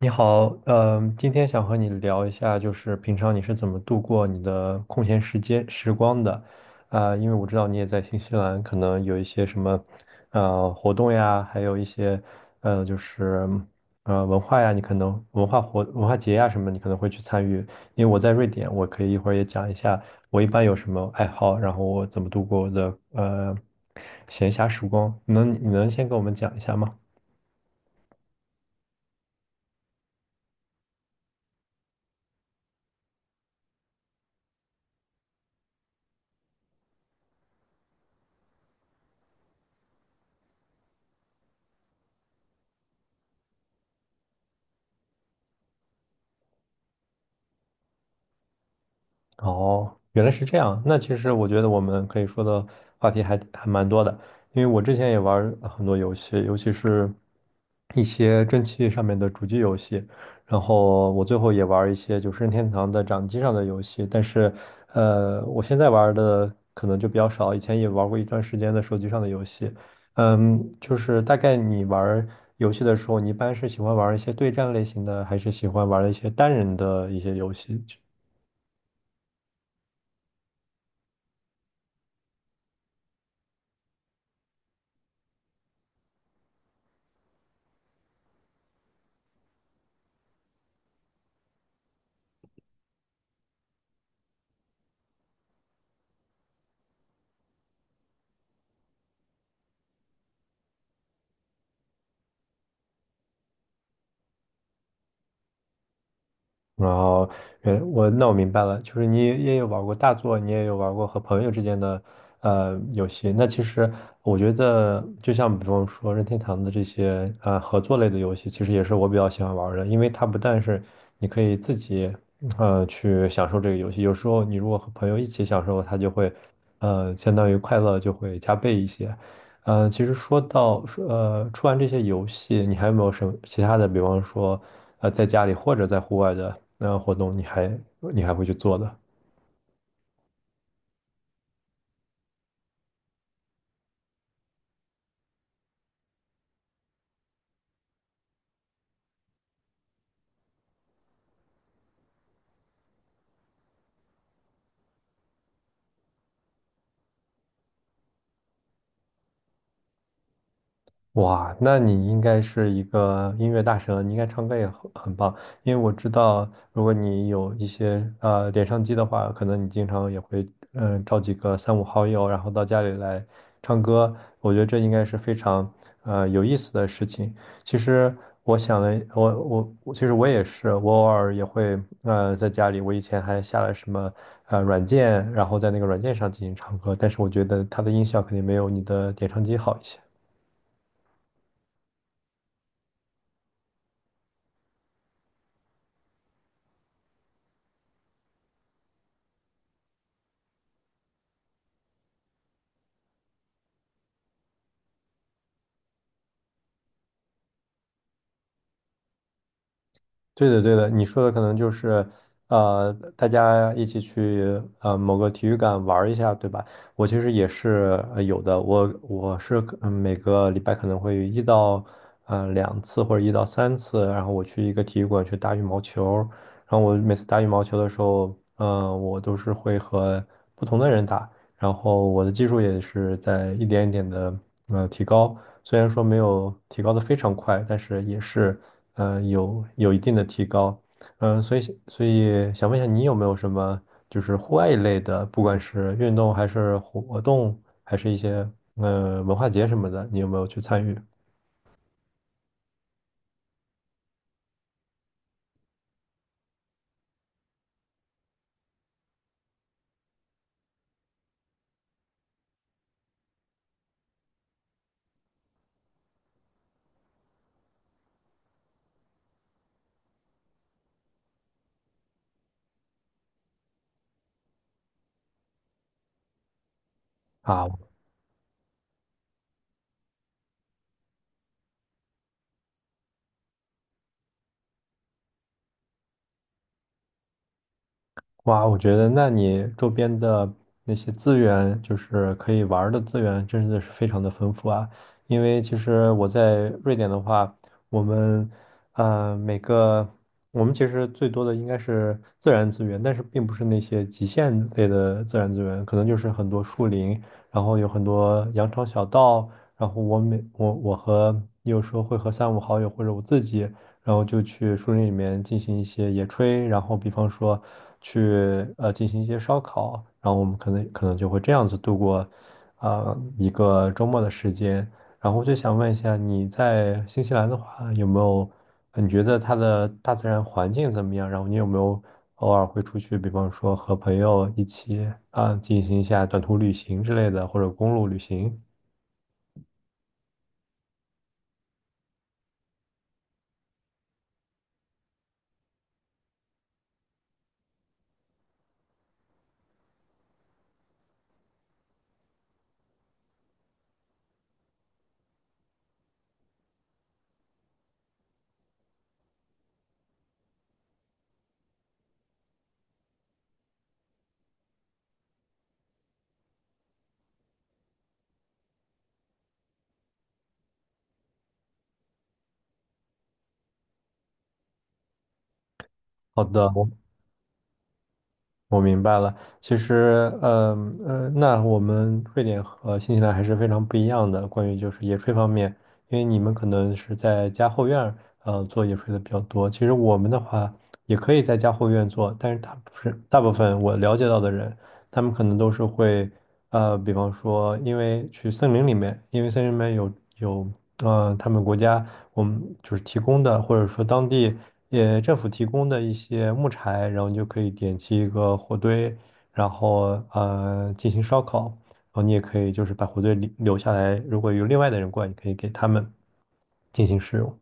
你好，今天想和你聊一下，就是平常你是怎么度过你的空闲时光的？因为我知道你也在新西兰，可能有一些什么，活动呀，还有一些，呃，就是文化呀，你可能文化节呀什么，你可能会去参与。因为我在瑞典，我可以一会儿也讲一下我一般有什么爱好，然后我怎么度过我的闲暇时光。你能先跟我们讲一下吗？哦，原来是这样。那其实我觉得我们可以说的话题还蛮多的，因为我之前也玩儿很多游戏，尤其是一些蒸汽上面的主机游戏，然后我最后也玩儿一些就是任天堂的掌机上的游戏，但是我现在玩儿的可能就比较少，以前也玩儿过一段时间的手机上的游戏。就是大概你玩儿游戏的时候，你一般是喜欢玩儿一些对战类型的，还是喜欢玩儿一些单人的一些游戏？然后，那我明白了，就是你也有玩过大作，你也有玩过和朋友之间的游戏。那其实我觉得，就像比方说任天堂的这些合作类的游戏，其实也是我比较喜欢玩儿的，因为它不但是你可以自己去享受这个游戏，有时候你如果和朋友一起享受，它就会相当于快乐就会加倍一些。其实说到，出完这些游戏，你还有没有什么其他的？比方说，在家里或者在户外的那活动你还会去做的？哇，那你应该是一个音乐大神，你应该唱歌也很棒。因为我知道，如果你有一些点唱机的话，可能你经常也会找几个三五好友，然后到家里来唱歌。我觉得这应该是非常有意思的事情。其实我想了，我其实我也是，我偶尔也会在家里，我以前还下了什么软件，然后在那个软件上进行唱歌，但是我觉得它的音效肯定没有你的点唱机好一些。对的，对的，你说的可能就是，呃，大家一起去某个体育馆玩儿一下，对吧？我其实也是有的，我我是可嗯每个礼拜可能会一到两次或者一到三次，然后我去一个体育馆去打羽毛球，然后我每次打羽毛球的时候，我都是会和不同的人打，然后我的技术也是在一点一点的提高，虽然说没有提高的非常快，但是也是。有一定的提高，嗯、所以所以想问一下，你有没有什么就是户外一类的，不管是运动还是活动，还是一些文化节什么的，你有没有去参与？啊，哇，我觉得那你周边的那些资源，就是可以玩儿的资源，真的是非常的丰富啊。因为其实我在瑞典的话，我们呃每个我们其实最多的应该是自然资源，但是并不是那些极限类的自然资源，可能就是很多树林，然后有很多羊肠小道，然后我每我我和有时候会和三五好友或者我自己。然后就去树林里面进行一些野炊，然后比方说去进行一些烧烤，然后我们可能就会这样子度过一个周末的时间。然后我就想问一下，你在新西兰的话，有没有你觉得它的大自然环境怎么样？然后你有没有偶尔会出去，比方说和朋友一起进行一下短途旅行之类的，或者公路旅行？好的，我明白了，其实，那我们瑞典和新西兰还是非常不一样的。关于就是野炊方面，因为你们可能是在家后院儿做野炊的比较多。其实我们的话，也可以在家后院做，但是大部分我了解到的人，他们可能都是会。比方说，因为去森林里面，因为森林里面有，他们国家我们就是提供的，或者说当地也政府提供的一些木柴，然后你就可以点起一个火堆，然后进行烧烤，然后你也可以就是把火堆留下来，如果有另外的人过来，你可以给他们进行使用。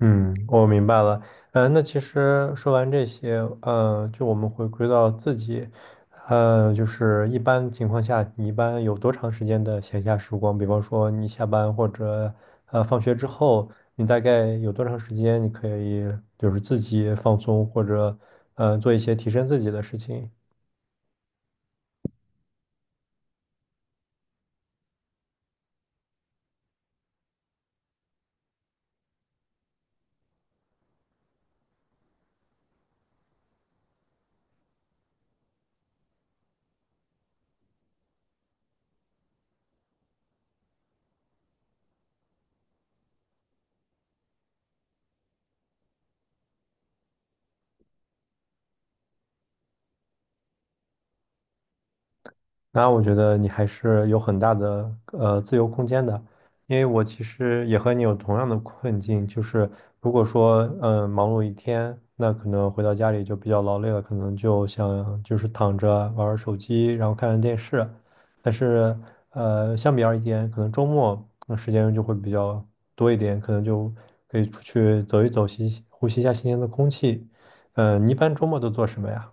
嗯，我明白了。那其实说完这些，就我们回归到自己，就是一般情况下，你一般有多长时间的闲暇时光？比方说你下班或者放学之后，你大概有多长时间你可以就是自己放松或者做一些提升自己的事情？那我觉得你还是有很大的自由空间的，因为我其实也和你有同样的困境，就是如果说忙碌一天，那可能回到家里就比较劳累了，可能就想就是躺着玩玩手机，然后看看电视。但是相比而言，可能周末那时间就会比较多一点，可能就可以出去走一走，吸呼吸一下新鲜的空气。你一般周末都做什么呀？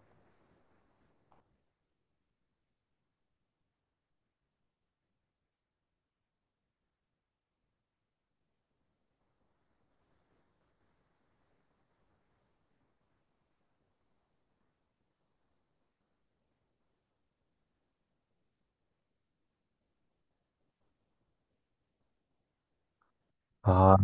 啊。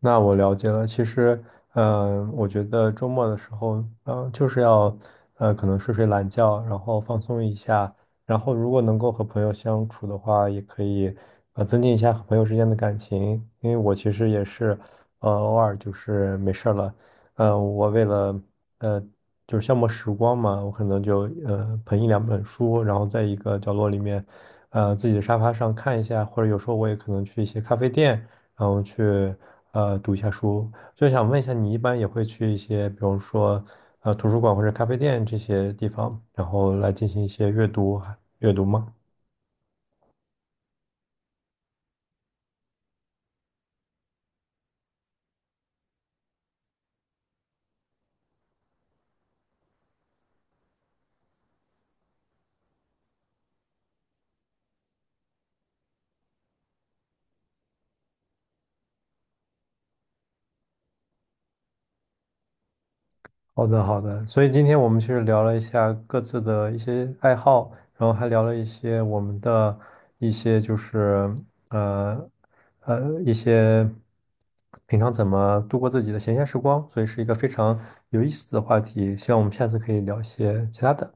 那我了解了。其实，我觉得周末的时候，就是要，可能睡睡懒觉，然后放松一下。然后，如果能够和朋友相处的话，也可以，增进一下和朋友之间的感情。因为我其实也是，偶尔就是没事儿了，我为了，呃，就是消磨时光嘛，我可能就，捧一两本书，然后在一个角落里面，自己的沙发上看一下，或者有时候我也可能去一些咖啡店。然后去读一下书。就想问一下，你一般也会去一些，比如说图书馆或者咖啡店这些地方，然后来进行一些阅读吗？好的，好的。所以今天我们其实聊了一下各自的一些爱好，然后还聊了一些我们的一些就是呃呃一些平常怎么度过自己的闲暇时光，所以是一个非常有意思的话题。希望我们下次可以聊一些其他的。